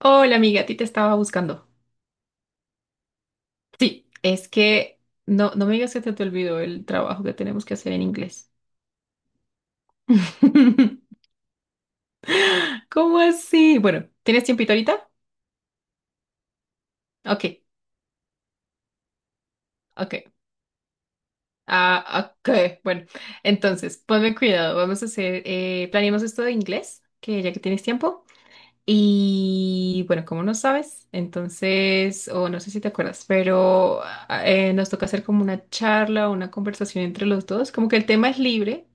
Hola amiga, a ti te estaba buscando. Sí, es que no, no me digas que te olvidó el trabajo que tenemos que hacer en inglés. ¿Cómo así? Bueno, ¿tienes tiempito ahorita? Ok, ok. Ah, ok. Bueno, entonces, ponme cuidado. Vamos a hacer, planeamos esto de inglés, que ya que tienes tiempo. Y bueno, como no sabes, entonces, o no sé si te acuerdas, pero nos toca hacer como una charla, una conversación entre los dos. Como que el tema es libre.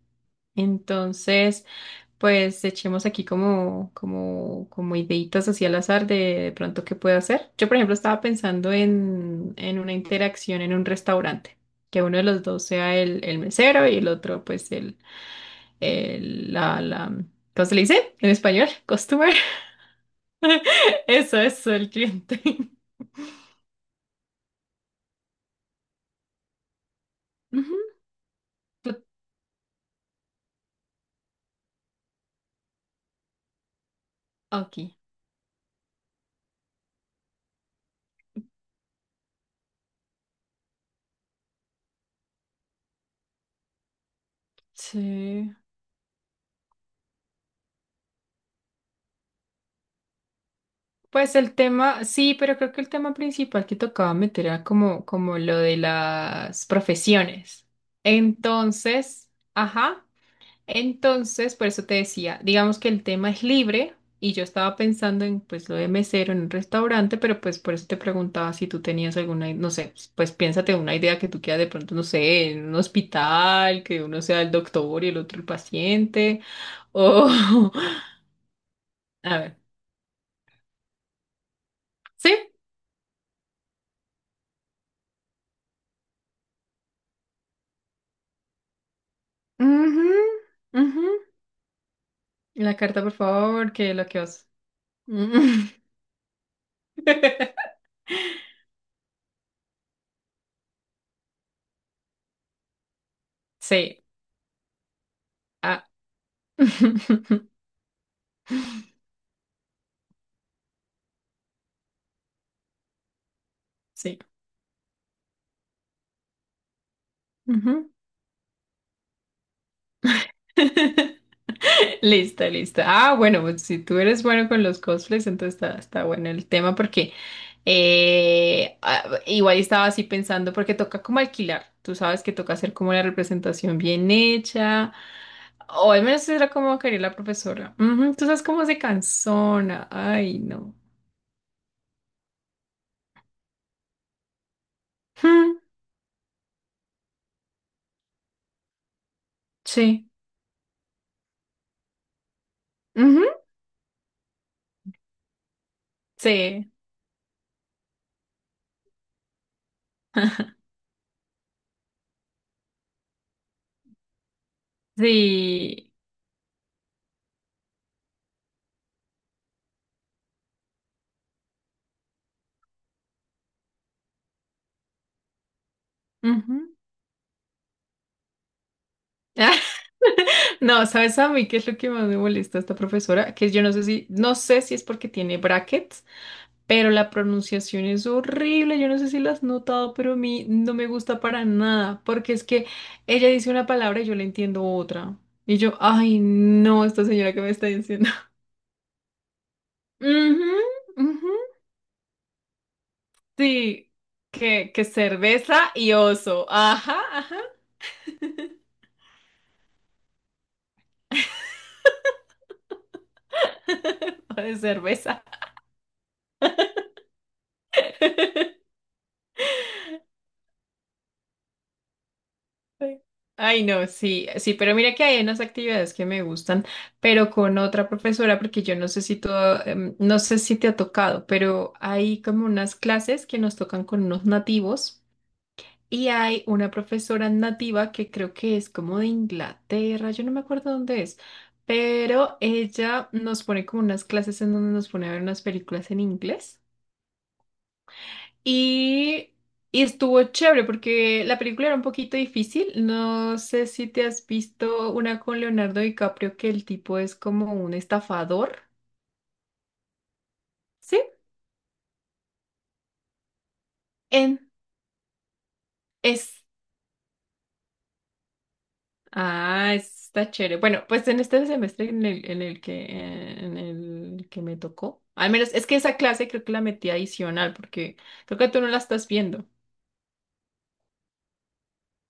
Entonces, pues echemos aquí como ideitas así al azar de pronto qué puedo hacer. Yo, por ejemplo, estaba pensando en una interacción en un restaurante, que uno de los dos sea el mesero y el otro, pues, la ¿cómo se le dice? En español, customer. Eso, el cliente. Ujú. Tú- Ok. Sí. Pues el tema, sí, pero creo que el tema principal que tocaba meter era como lo de las profesiones. Entonces, ajá, entonces, por eso te decía, digamos que el tema es libre y yo estaba pensando en pues lo de mesero en un restaurante, pero pues por eso te preguntaba si tú tenías alguna, no sé, pues piénsate una idea que tú quieras de pronto, no sé, en un hospital, que uno sea el doctor y el otro el paciente, o, a ver, sí. Ujú, ujú. La carta, por favor, que bloqueos. Mm. Sí. Ah. Sí. Ujú. Lista, lista. Ah, bueno, pues si tú eres bueno con los cosplays, entonces está bueno el tema porque igual estaba así pensando porque toca como alquilar. Tú sabes que toca hacer como la representación bien hecha. O al menos era como quería la profesora. Ujú. Tú sabes cómo se cansona. Ay, no. Mm, sí. Ujú, sí. Sí. Ujú. No, ¿sabes a mí qué es lo que más me molesta a esta profesora? Que yo no sé si es porque tiene brackets, pero la pronunciación es horrible. Yo no sé si la has notado, pero a mí no me gusta para nada, porque es que ella dice una palabra y yo le entiendo otra. Y yo, ay, no, esta señora que me está diciendo. Ujú, ujú. Sí, que cerveza y oso. Ajá, ajá. O de cerveza. Ay, no, sí, sí, pero mira que hay unas actividades que me gustan, pero con otra profesora, porque yo no sé si tú, no sé si te ha tocado, pero hay como unas clases que nos tocan con unos nativos y hay una profesora nativa que creo que es como de Inglaterra, yo no me acuerdo dónde es, pero ella nos pone como unas clases en donde nos pone a ver unas películas en inglés. Y, y estuvo chévere porque la película era un poquito difícil. No sé si te has visto una con Leonardo DiCaprio que el tipo es como un estafador. ¿Sí? En es. Ah, está chévere. Bueno, pues en este semestre en el que me tocó. Al menos es que esa clase creo que la metí adicional porque creo que tú no la estás viendo.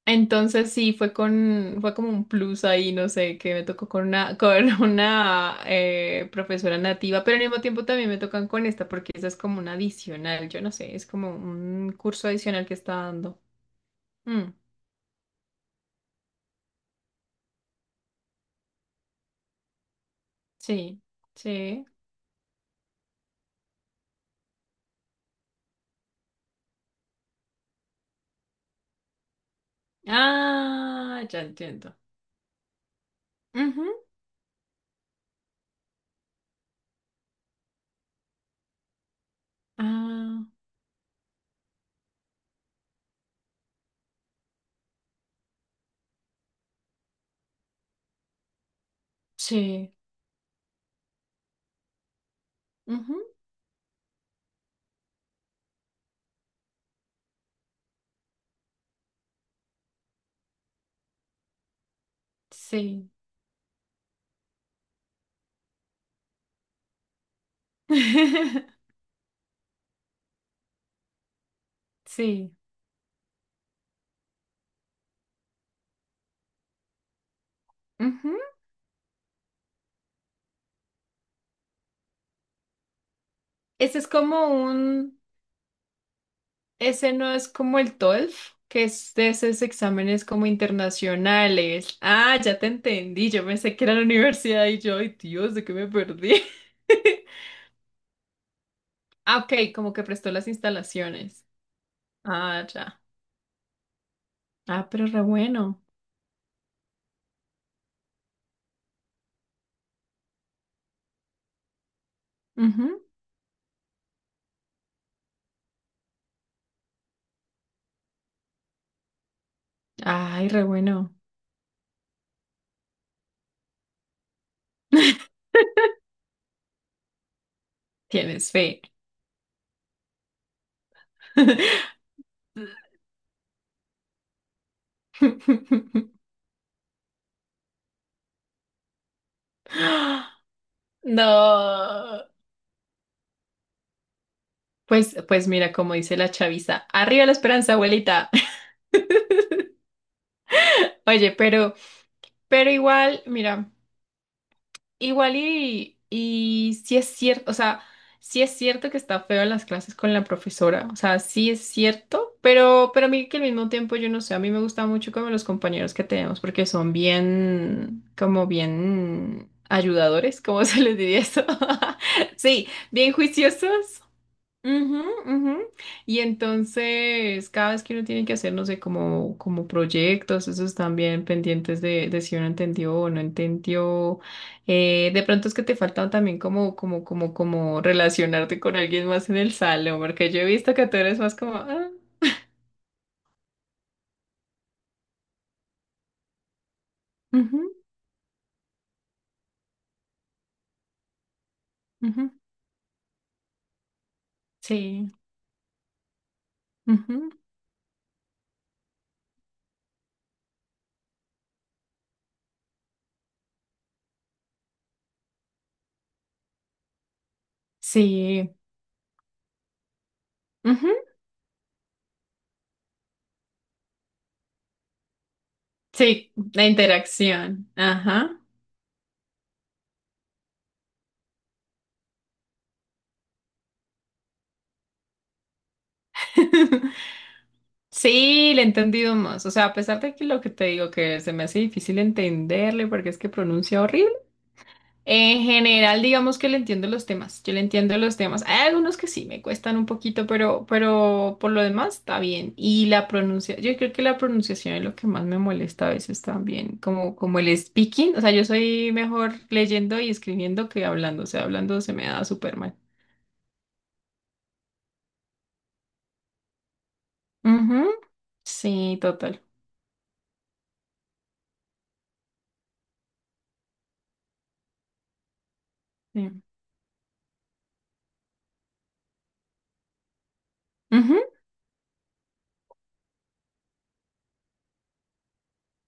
Entonces sí, fue como un plus ahí, no sé, que me tocó con una profesora nativa, pero al mismo tiempo también me tocan con esta, porque esa es como una adicional, yo no sé, es como un curso adicional que está dando. Mm, sí, sí. Ah, ya entiendo. Ujú. Ah, sí. Ujú, sí. Sí. Ujú. Ese es como un Ese no es como el TOEFL, que es de esos exámenes como internacionales. Ah, ya te entendí. Yo pensé que era la universidad y yo, ay, Dios, ¿de qué me perdí? Ah, ok, como que prestó las instalaciones. Ah, ya. Ah, pero re bueno. Ujú. Ay, re bueno. Tienes fe. No. Pues mira, como dice la chaviza, arriba la esperanza, abuelita. Oye, pero igual, mira. Igual y sí es cierto, o sea, sí es cierto que está feo en las clases con la profesora, o sea, sí es cierto, pero a mí que al mismo tiempo yo no sé, a mí me gusta mucho como los compañeros que tenemos porque son bien, como bien ayudadores, ¿cómo se les diría eso? Sí, bien juiciosos. Ujú, ujú. Y entonces, cada vez que uno tiene que hacer, no sé, como proyectos, esos también pendientes de si uno entendió o no entendió. De pronto es que te faltan también como relacionarte con alguien más en el salón, porque yo he visto que tú eres más como, ujú, ujú, sí, ujú, sí, ujú, sí, la interacción, ajá. Sí, le he entendido más. O sea, a pesar de que lo que te digo que se me hace difícil entenderle porque es que pronuncia horrible, en general digamos que le entiendo los temas. Yo le entiendo los temas. Hay algunos que sí me cuestan un poquito, pero por lo demás está bien. Y la pronuncia, yo creo que la pronunciación es lo que más me molesta a veces también, como el speaking. O sea, yo soy mejor leyendo y escribiendo que hablando. O sea, hablando se me da súper mal. Ujú, sí, total. Sí. Ujú.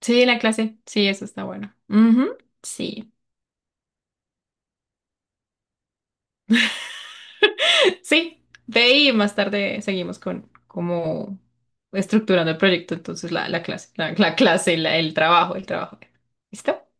Sí, la clase. Sí, eso está bueno. Ujú, sí. Sí. De ahí más tarde seguimos con como estructurando el proyecto. Entonces, el trabajo, el trabajo. ¿Listo?